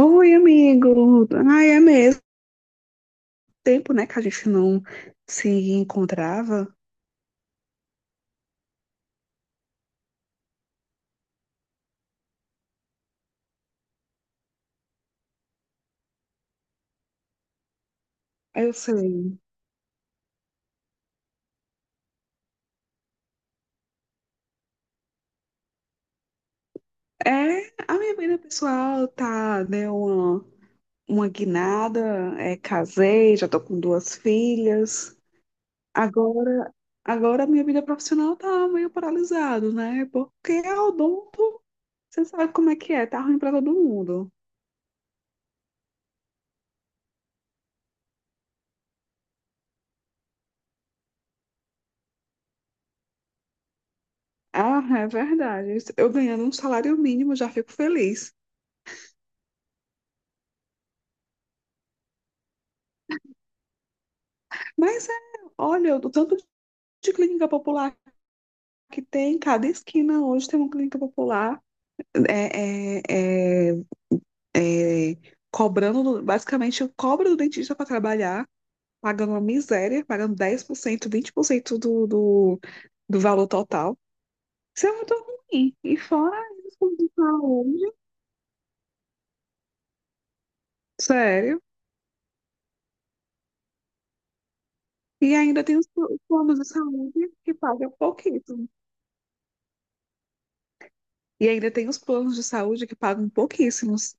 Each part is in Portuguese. Oi, amigo. Ai, é mesmo tempo, né, que a gente não se encontrava. Eu sei. É, a minha vida pessoal tá, deu uma guinada, casei, já tô com duas filhas. Agora, agora a minha vida profissional tá meio paralisada, né? Porque é odonto, você sabe como é que é, tá ruim pra todo mundo. Ah, é verdade. Eu ganhando um salário mínimo já fico feliz. Mas é, olha, o tanto de clínica popular que tem em cada esquina hoje tem uma clínica popular é, é, é, é, cobrando, basicamente, cobra do dentista para trabalhar, pagando uma miséria, pagando 10%, 20% do valor total. Isso é muito ruim. E fora os planos de saúde, sério. E ainda tem os planos de saúde que pagam pouquíssimo. E ainda tem os planos de saúde que pagam pouquíssimos.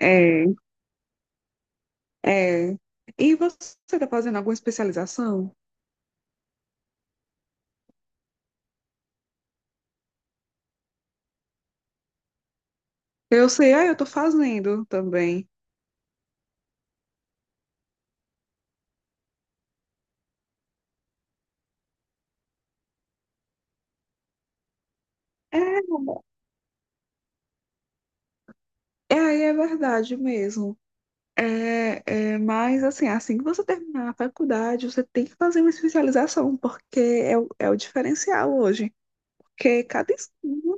É, é. E você está fazendo alguma especialização? Eu sei, ah, eu tô fazendo também. É, é aí é verdade mesmo. É, mas assim, assim que você terminar a faculdade, você tem que fazer uma especialização, porque é o diferencial hoje. Porque cada esquina,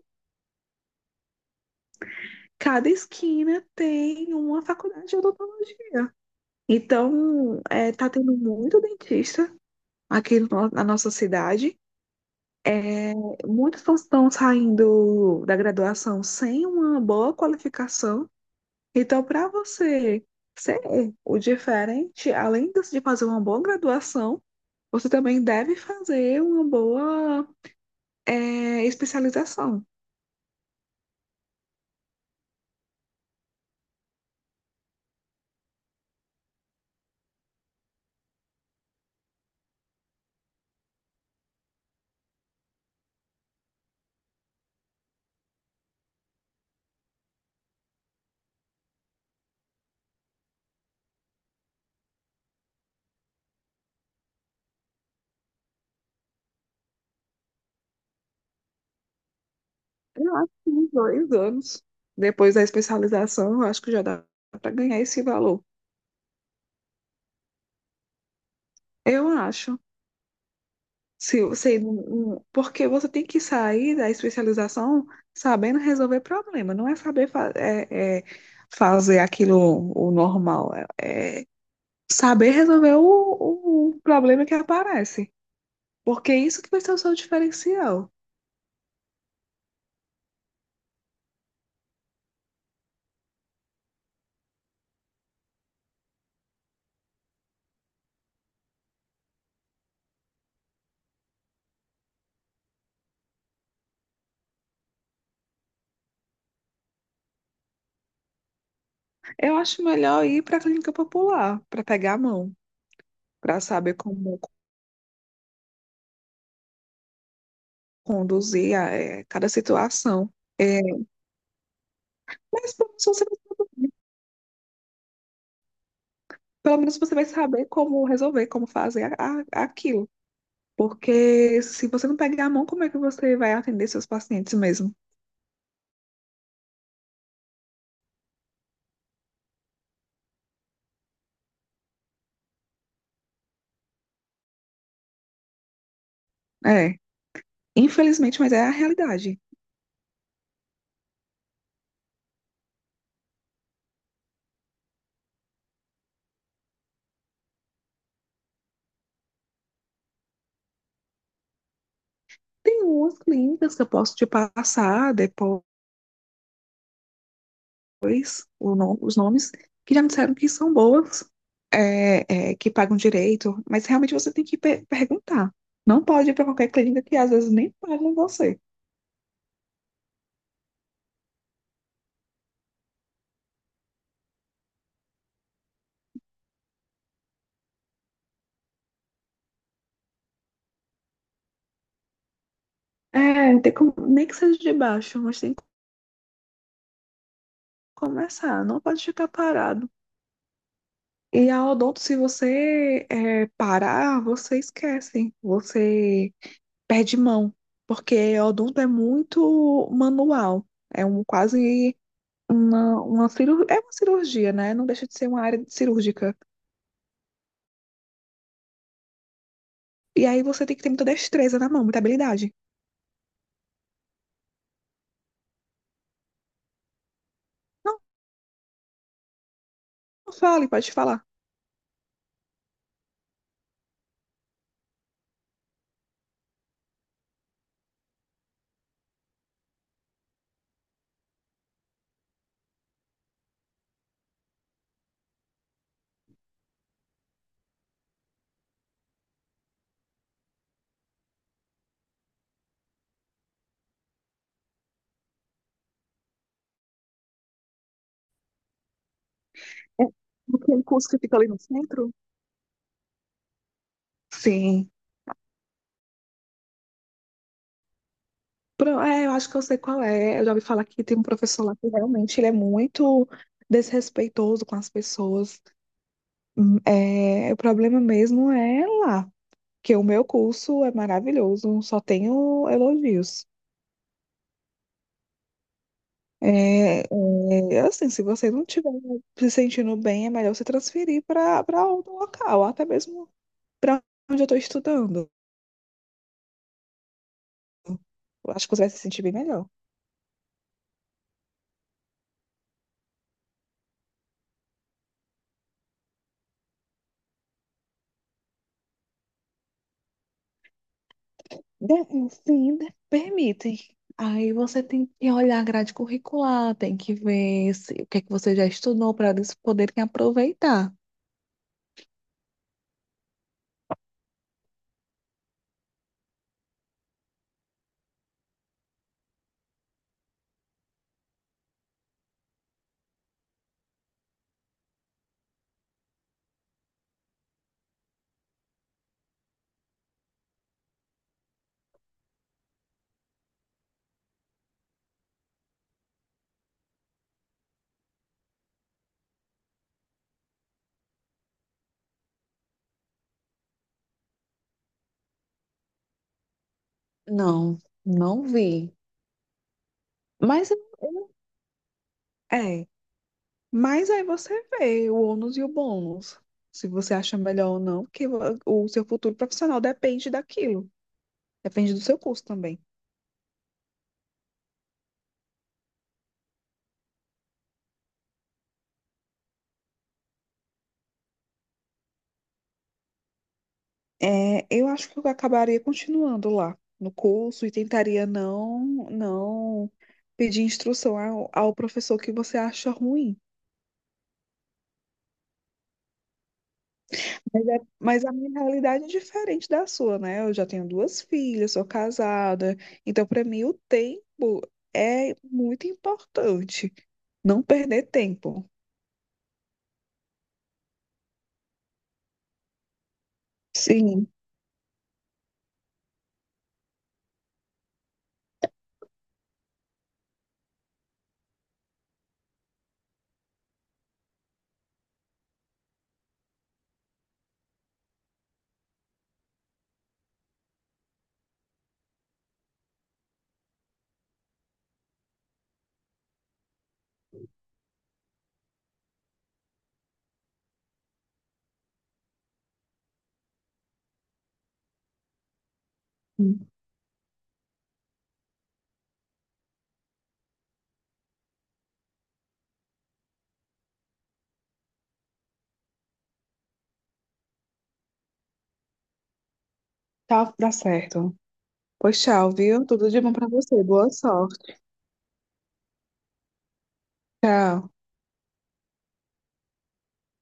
cada esquina tem uma faculdade de odontologia. Então, é, tá tendo muito dentista aqui no- na nossa cidade. É, muitos estão saindo da graduação sem uma boa qualificação. Então, para você ser o diferente, além de fazer uma boa graduação, você também deve fazer uma boa especialização. Eu acho que uns dois anos depois da especialização, eu acho que já dá para ganhar esse valor. Eu acho. Se você, porque você tem que sair da especialização sabendo resolver problema, não é saber fa- eh, eh, fazer aquilo o normal. É saber resolver o problema que aparece. Porque é isso que vai ser o seu diferencial. Eu acho melhor ir para a clínica popular, para pegar a mão, para saber como conduzir cada situação. É, mas pelo menos você vai saber como resolver, como fazer aquilo. Porque se você não pegar a mão, como é que você vai atender seus pacientes mesmo? É, infelizmente, mas é a realidade. Tem umas clínicas que eu posso te passar depois depois nom os nomes, que já me disseram que são boas, que pagam direito, mas realmente você tem que pe perguntar. Não pode ir para qualquer clínica que às vezes nem pagam você. É, tem como, nem que seja de baixo, mas tem que começar, não pode ficar parado. E a odonto, se você parar, você esquece, você perde mão, porque a odonto é muito manual, é um quase uma cirurgia. É uma cirurgia, né? Não deixa de ser uma área cirúrgica. E aí você tem que ter muita destreza na mão, muita habilidade. Não, não fale, pode falar. É aquele curso que fica ali no centro? Sim. É, eu acho que eu sei qual é. Eu já ouvi falar que tem um professor lá que realmente ele é muito desrespeitoso com as pessoas. É, o problema mesmo é lá, que o meu curso é maravilhoso, só tenho elogios. Assim, se você não estiver se sentindo bem, é melhor você transferir para outro local, até mesmo para onde eu estou estudando. Eu acho que você vai se sentir bem melhor. De- Sim, permitem. Aí você tem que olhar a grade curricular, tem que ver se, o que é que você já estudou para eles poderem aproveitar. Não, não vi. Mas é, Mas aí você vê o ônus e o bônus, se você acha melhor ou não, porque o seu futuro profissional depende daquilo, depende do seu curso também. É, eu acho que eu acabaria continuando lá no curso e tentaria não, não pedir instrução ao professor que você acha ruim. Mas, mas a minha realidade é diferente da sua, né? Eu já tenho duas filhas, sou casada, então para mim o tempo é muito importante, não perder tempo. Sim. Tá, dá certo. Pois tchau, viu? Tudo de bom pra você. Boa sorte. Tchau.